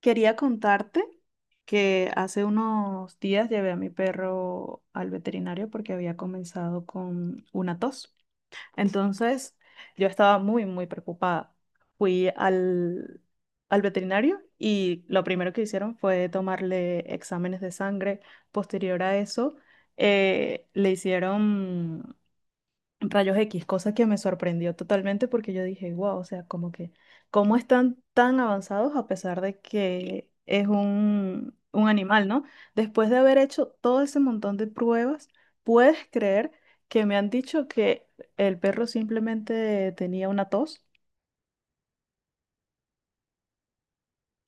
Quería contarte que hace unos días llevé a mi perro al veterinario porque había comenzado con una tos. Entonces, yo estaba muy, muy preocupada. Fui al veterinario y lo primero que hicieron fue tomarle exámenes de sangre. Posterior a eso, le hicieron rayos X, cosa que me sorprendió totalmente porque yo dije, wow, o sea, como que, ¿cómo están tan avanzados, a pesar de que es un animal? ¿No? Después de haber hecho todo ese montón de pruebas, ¿puedes creer que me han dicho que el perro simplemente tenía una tos?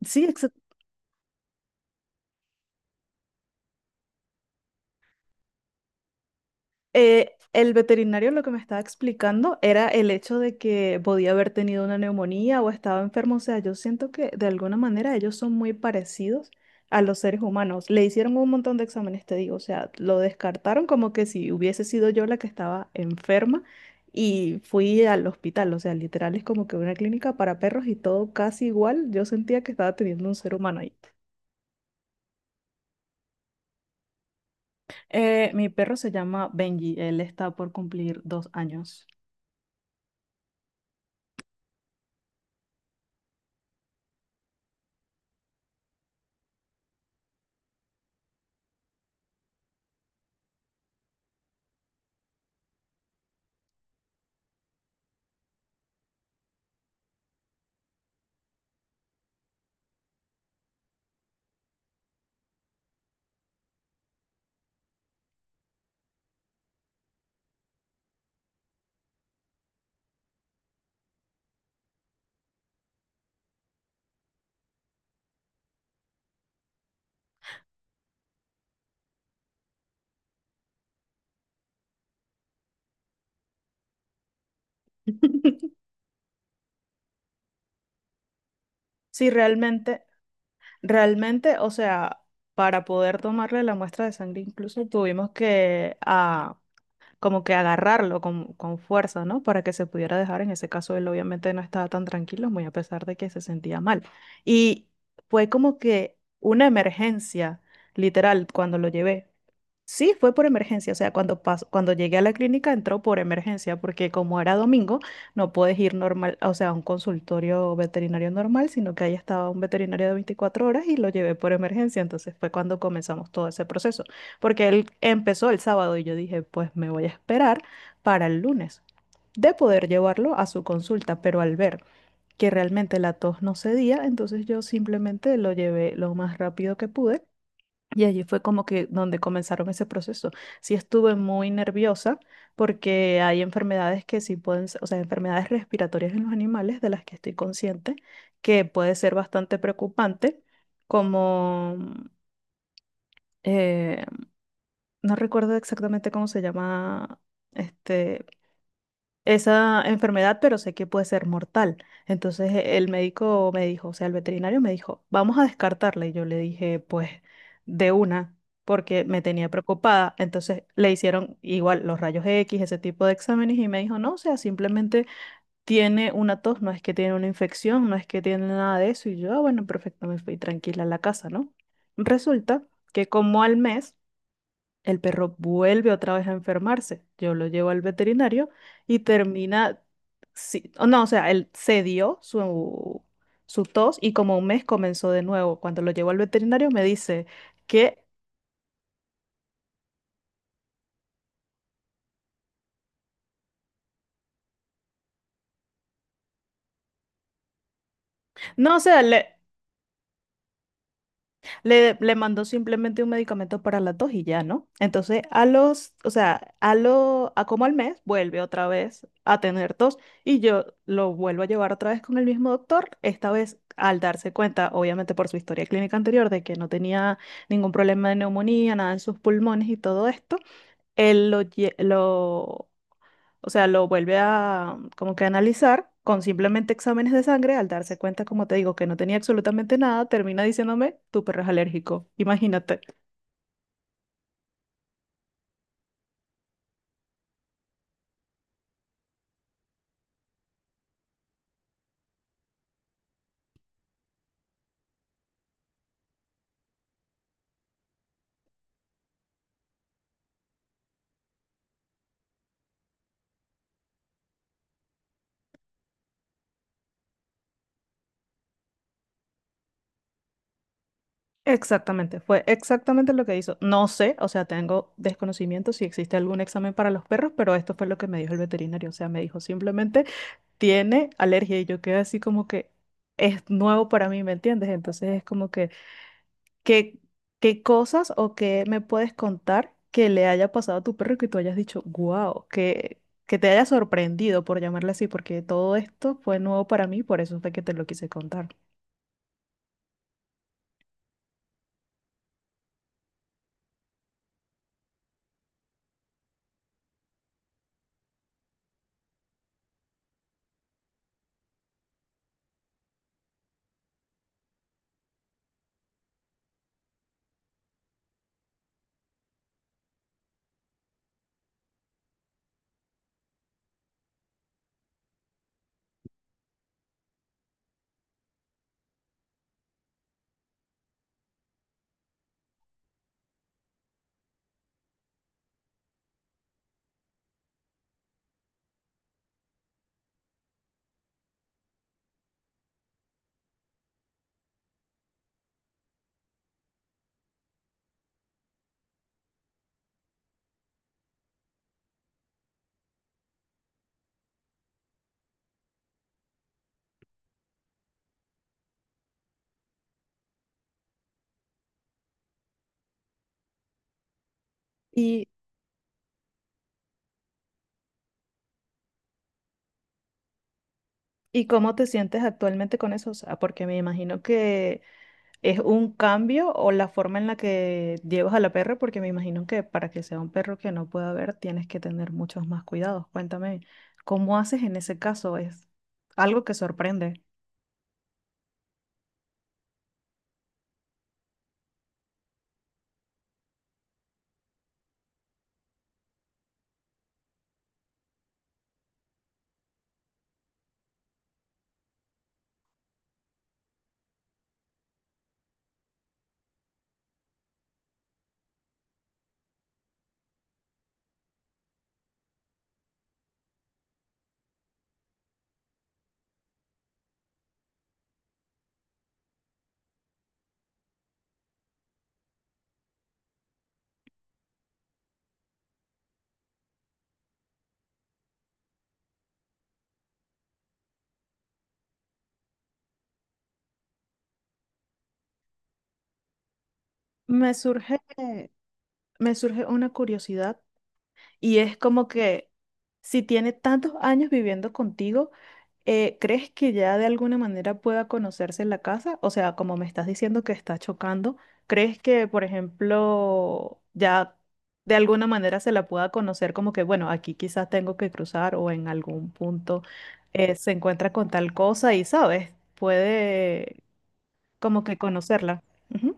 Sí. El veterinario lo que me estaba explicando era el hecho de que podía haber tenido una neumonía o estaba enfermo. O sea, yo siento que de alguna manera ellos son muy parecidos a los seres humanos. Le hicieron un montón de exámenes, te digo. O sea, lo descartaron como que si hubiese sido yo la que estaba enferma y fui al hospital. O sea, literal es como que una clínica para perros y todo casi igual. Yo sentía que estaba teniendo un ser humano ahí. Mi perro se llama Benji. Él está por cumplir 2 años. Sí, realmente, o sea, para poder tomarle la muestra de sangre incluso tuvimos que a como que agarrarlo con fuerza, ¿no? Para que se pudiera dejar. En ese caso, él obviamente no estaba tan tranquilo, muy a pesar de que se sentía mal. Y fue como que una emergencia, literal, cuando lo llevé. Sí, fue por emergencia, o sea, cuando llegué a la clínica entró por emergencia, porque como era domingo, no puedes ir normal, o sea, a un consultorio veterinario normal, sino que ahí estaba un veterinario de 24 horas y lo llevé por emergencia. Entonces fue cuando comenzamos todo ese proceso, porque él empezó el sábado y yo dije, pues me voy a esperar para el lunes de poder llevarlo a su consulta, pero al ver que realmente la tos no cedía, entonces yo simplemente lo llevé lo más rápido que pude y allí fue como que donde comenzaron ese proceso. Sí estuve muy nerviosa porque hay enfermedades que sí pueden, o sea, enfermedades respiratorias en los animales de las que estoy consciente que puede ser bastante preocupante, como eh, no recuerdo exactamente cómo se llama este, esa enfermedad, pero sé que puede ser mortal. Entonces el médico me dijo, o sea, el veterinario me dijo, vamos a descartarla. Y yo le dije, pues, de una, porque me tenía preocupada. Entonces le hicieron igual los rayos X, ese tipo de exámenes, y me dijo, no, o sea, simplemente tiene una tos, no es que tiene una infección, no es que tiene nada de eso. Y yo, "Ah, bueno, perfecto". Me fui tranquila a la casa, ¿no? Resulta que como al mes el perro vuelve otra vez a enfermarse. Yo lo llevo al veterinario y termina, sí, o no, o sea, él cedió su, su tos y como un mes comenzó de nuevo. Cuando lo llevo al veterinario me dice que, no, o sea, le mandó simplemente un medicamento para la tos y ya, ¿no? Entonces, o sea, a como al mes, vuelve otra vez a tener tos y yo lo vuelvo a llevar otra vez con el mismo doctor. Esta vez, al darse cuenta, obviamente por su historia clínica anterior, de que no tenía ningún problema de neumonía, nada en sus pulmones y todo esto, él lo, lle- lo o sea, lo vuelve a como que analizar con simplemente exámenes de sangre. Al darse cuenta, como te digo, que no tenía absolutamente nada, termina diciéndome, tu perro es alérgico. Imagínate. Exactamente, fue exactamente lo que hizo. No sé, o sea, tengo desconocimiento si existe algún examen para los perros, pero esto fue lo que me dijo el veterinario. O sea, me dijo simplemente, tiene alergia y yo quedé así como que es nuevo para mí, ¿me entiendes? Entonces es como que... ¿Qué, qué cosas o qué me puedes contar que le haya pasado a tu perro que tú hayas dicho, wow, que te haya sorprendido por llamarle así, porque todo esto fue nuevo para mí, por eso fue que te lo quise contar. ¿Y y cómo te sientes actualmente con eso? O sea, porque me imagino que es un cambio o la forma en la que llevas a la perra, porque me imagino que para que sea un perro que no pueda ver tienes que tener muchos más cuidados. Cuéntame, ¿cómo haces en ese caso? Es algo que sorprende. Me surge me surge una curiosidad, y es como que si tiene tantos años viviendo contigo, ¿crees que ya de alguna manera pueda conocerse en la casa? O sea, como me estás diciendo que está chocando, ¿crees que, por ejemplo, ya de alguna manera se la pueda conocer como que, bueno, aquí quizás tengo que cruzar o en algún punto se encuentra con tal cosa y, ¿sabes? Puede como que conocerla. Ujú.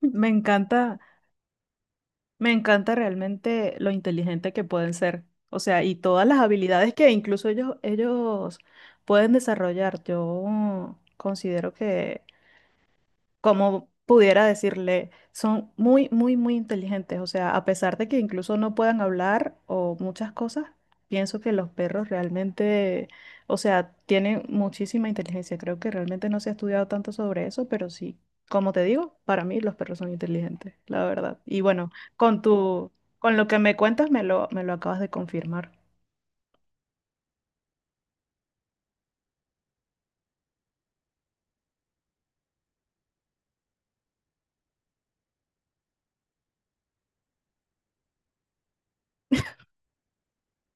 Me encanta. Me encanta realmente lo inteligente que pueden ser, o sea, y todas las habilidades que incluso ellos pueden desarrollar. Yo considero que como pudiera decirle, son muy, muy, muy inteligentes. O sea, a pesar de que incluso no puedan hablar o muchas cosas, pienso que los perros realmente, o sea, tienen muchísima inteligencia. Creo que realmente no se ha estudiado tanto sobre eso, pero sí, como te digo, para mí los perros son inteligentes, la verdad. Y bueno, con tu, con lo que me cuentas, me lo acabas de confirmar.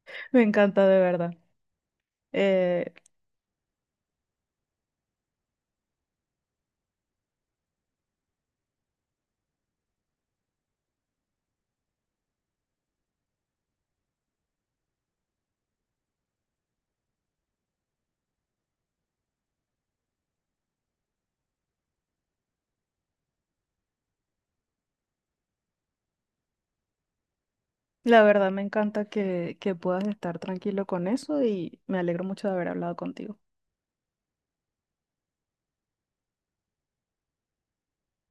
Me encanta de verdad. Eh, La verdad me encanta que puedas estar tranquilo con eso y me alegro mucho de haber hablado contigo.